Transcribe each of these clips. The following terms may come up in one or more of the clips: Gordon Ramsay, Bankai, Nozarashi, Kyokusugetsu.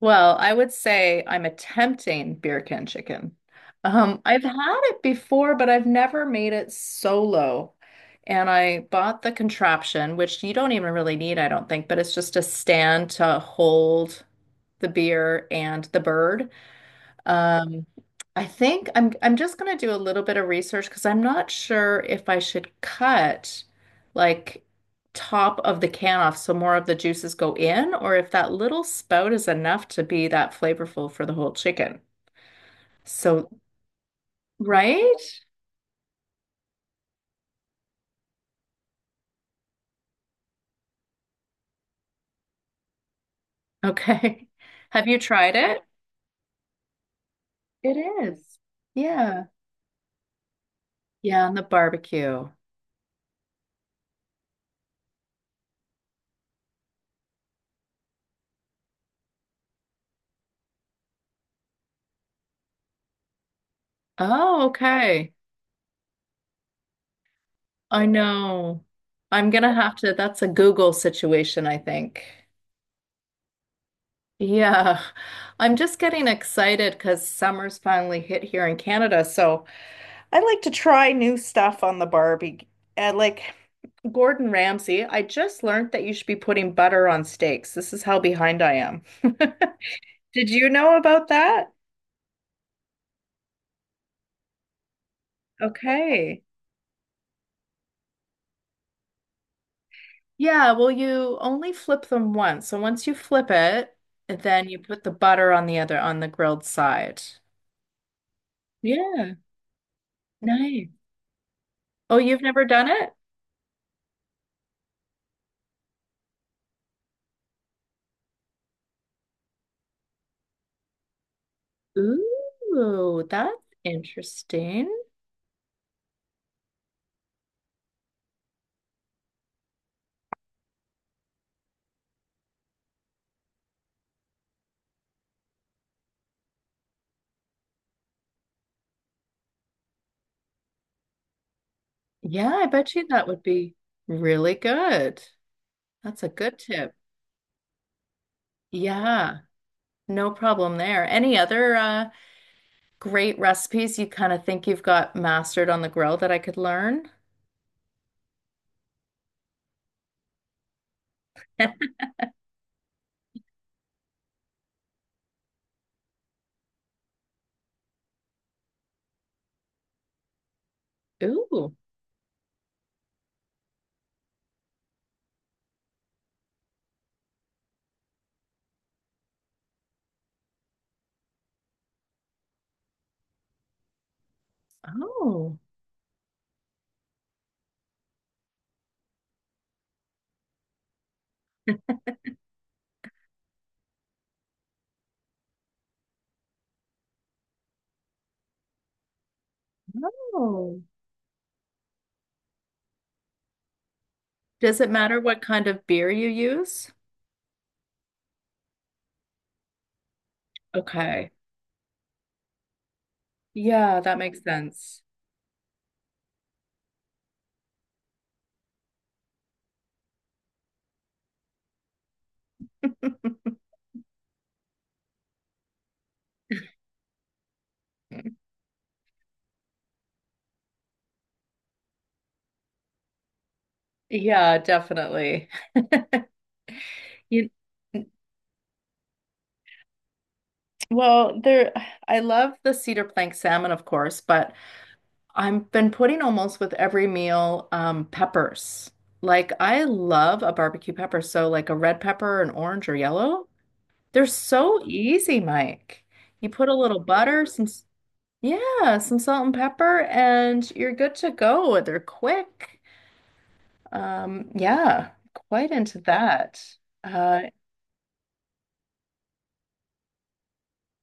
Well, I would say I'm attempting beer can chicken. I've had it before, but I've never made it solo. And I bought the contraption, which you don't even really need, I don't think, but it's just a stand to hold the beer and the bird. Um, I think I'm just gonna do a little bit of research because I'm not sure if I should cut like top of the can off so more of the juices go in, or if that little spout is enough to be that flavorful for the whole chicken. So, right? Okay. Have you tried it? It is. Yeah. Yeah, on the barbecue. Oh, okay. I know. I'm gonna have to, that's a Google situation, I think. Yeah, I'm just getting excited because summer's finally hit here in Canada. So I like to try new stuff on the Barbie. Like Gordon Ramsay, I just learned that you should be putting butter on steaks. This is how behind I am. Did you know about that? Okay. Yeah, well, you only flip them once. So once you flip it, then you put the butter on the other, on the grilled side. Yeah, nice. Oh, you've never done it? Ooh, that's interesting. Yeah, I bet you that would be really good. That's a good tip. Yeah, no problem there. Any other great recipes you kind of think you've got mastered on the grill that I could learn? Ooh, oh, no. Does it matter what kind of beer you use? Okay. Yeah, that makes sense. Yeah, definitely. You, Well, there, I love the cedar plank salmon, of course, but I've been putting almost with every meal peppers. Like I love a barbecue pepper, so like a red pepper, an orange or yellow. They're so easy, Mike. You put a little butter, some, yeah, some salt and pepper, and you're good to go. They're quick. Yeah, quite into that. Uh,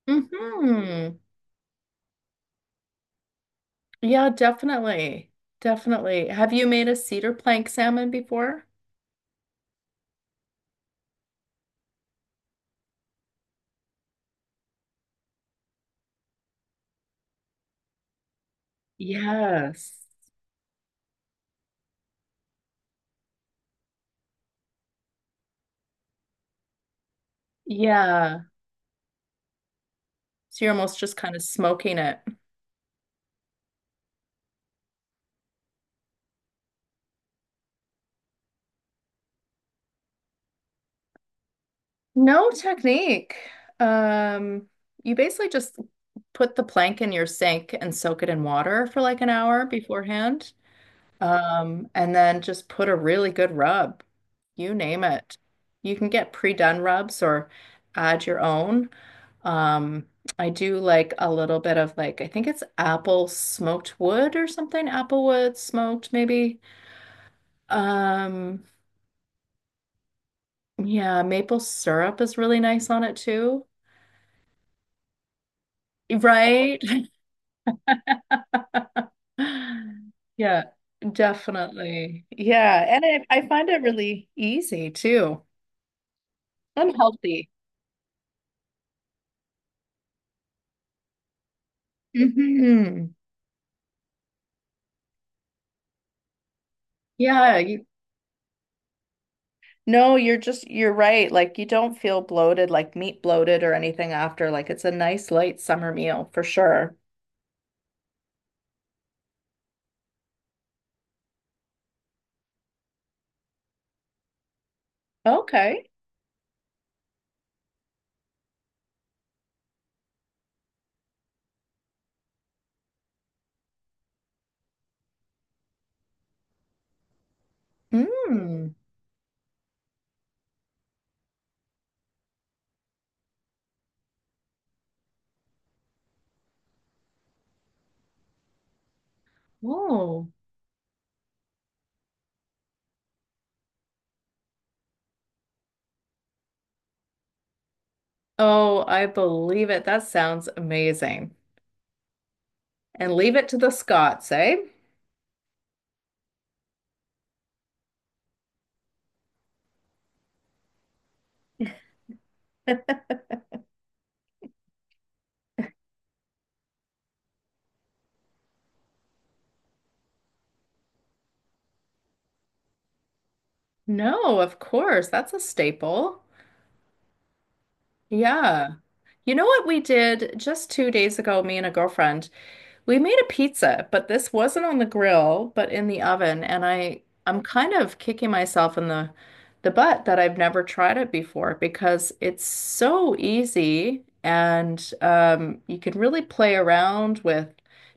mhm. Yeah, definitely. Definitely. Have you made a cedar plank salmon before? Yes. Yeah. So you're almost just kind of smoking it. No technique. Um, you basically just put the plank in your sink and soak it in water for like an hour beforehand. And then just put a really good rub. You name it. You can get pre-done rubs or add your own. Um, I do like a little bit of like I think it's apple smoked wood or something, Apple wood smoked maybe. Um, yeah, maple syrup is really nice on it too. Right? Yeah, definitely. Yeah, and I find it really easy too and healthy. Hmm. Yeah, no, you're just, you're right. Like you don't feel bloated, like meat bloated or anything after. Like it's a nice light summer meal for sure. Okay. Mm. Oh. Oh, I believe it. That sounds amazing. And leave it to the Scots, eh? No, of course. That's a staple. Yeah. You know what we did just 2 days ago, me and a girlfriend? We made a pizza, but this wasn't on the grill, but in the oven, and I'm kind of kicking myself in the butt that I've never tried it before because it's so easy and you can really play around with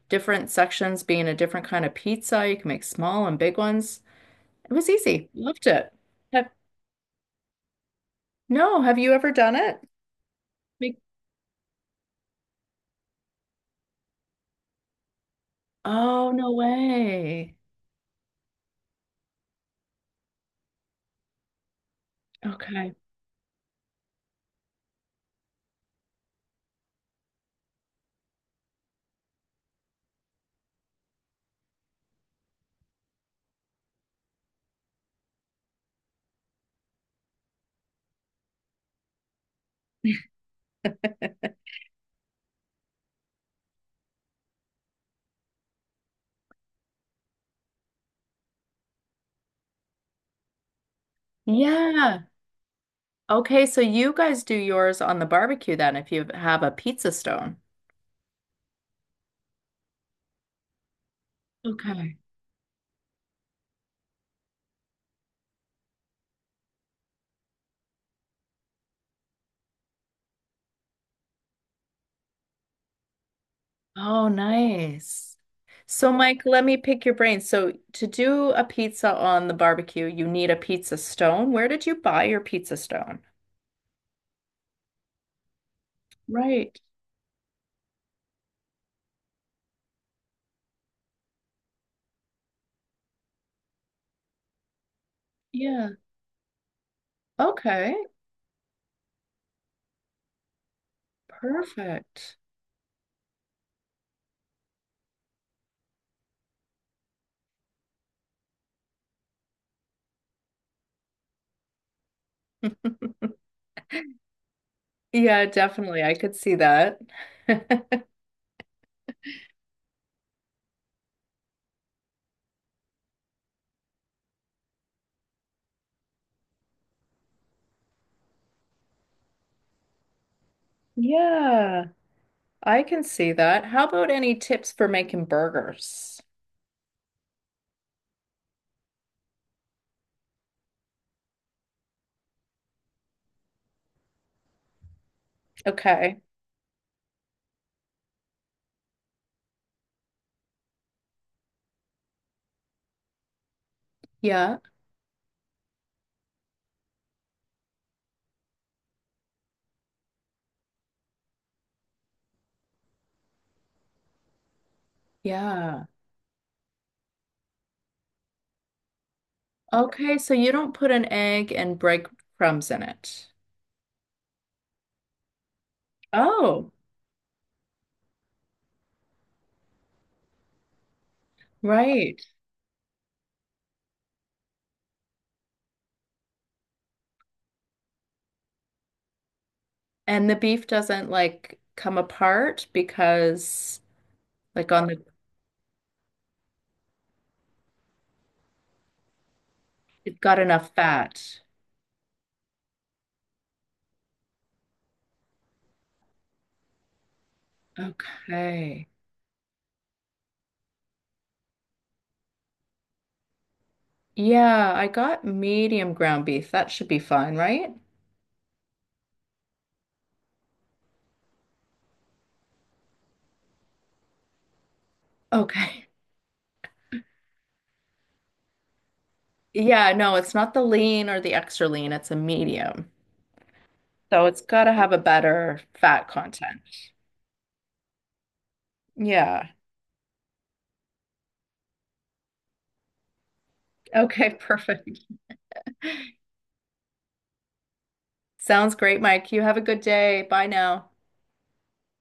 different sections being a different kind of pizza. You can make small and big ones. It was easy. Loved it. Have, no, have you ever done it? Make, oh, no way. Okay. Yeah. Okay, so you guys do yours on the barbecue then if you have a pizza stone. Okay. Oh, nice. So, Mike, let me pick your brain. So, to do a pizza on the barbecue, you need a pizza stone. Where did you buy your pizza stone? Right. Yeah. Okay, perfect. Yeah, definitely. I could see that. Yeah, I can see that. How about any tips for making burgers? Okay. Yeah. Yeah. Okay, so you don't put an egg and breadcrumbs in it. Oh, right. And the beef doesn't like come apart because like on the it's got enough fat. Okay. Yeah, I got medium ground beef. That should be fine, right? Okay. Yeah, no, it's not the lean or the extra lean, it's a medium. So it's got to have a better fat content. Yeah. Okay, perfect. Sounds great, Mike. You have a good day. Bye now.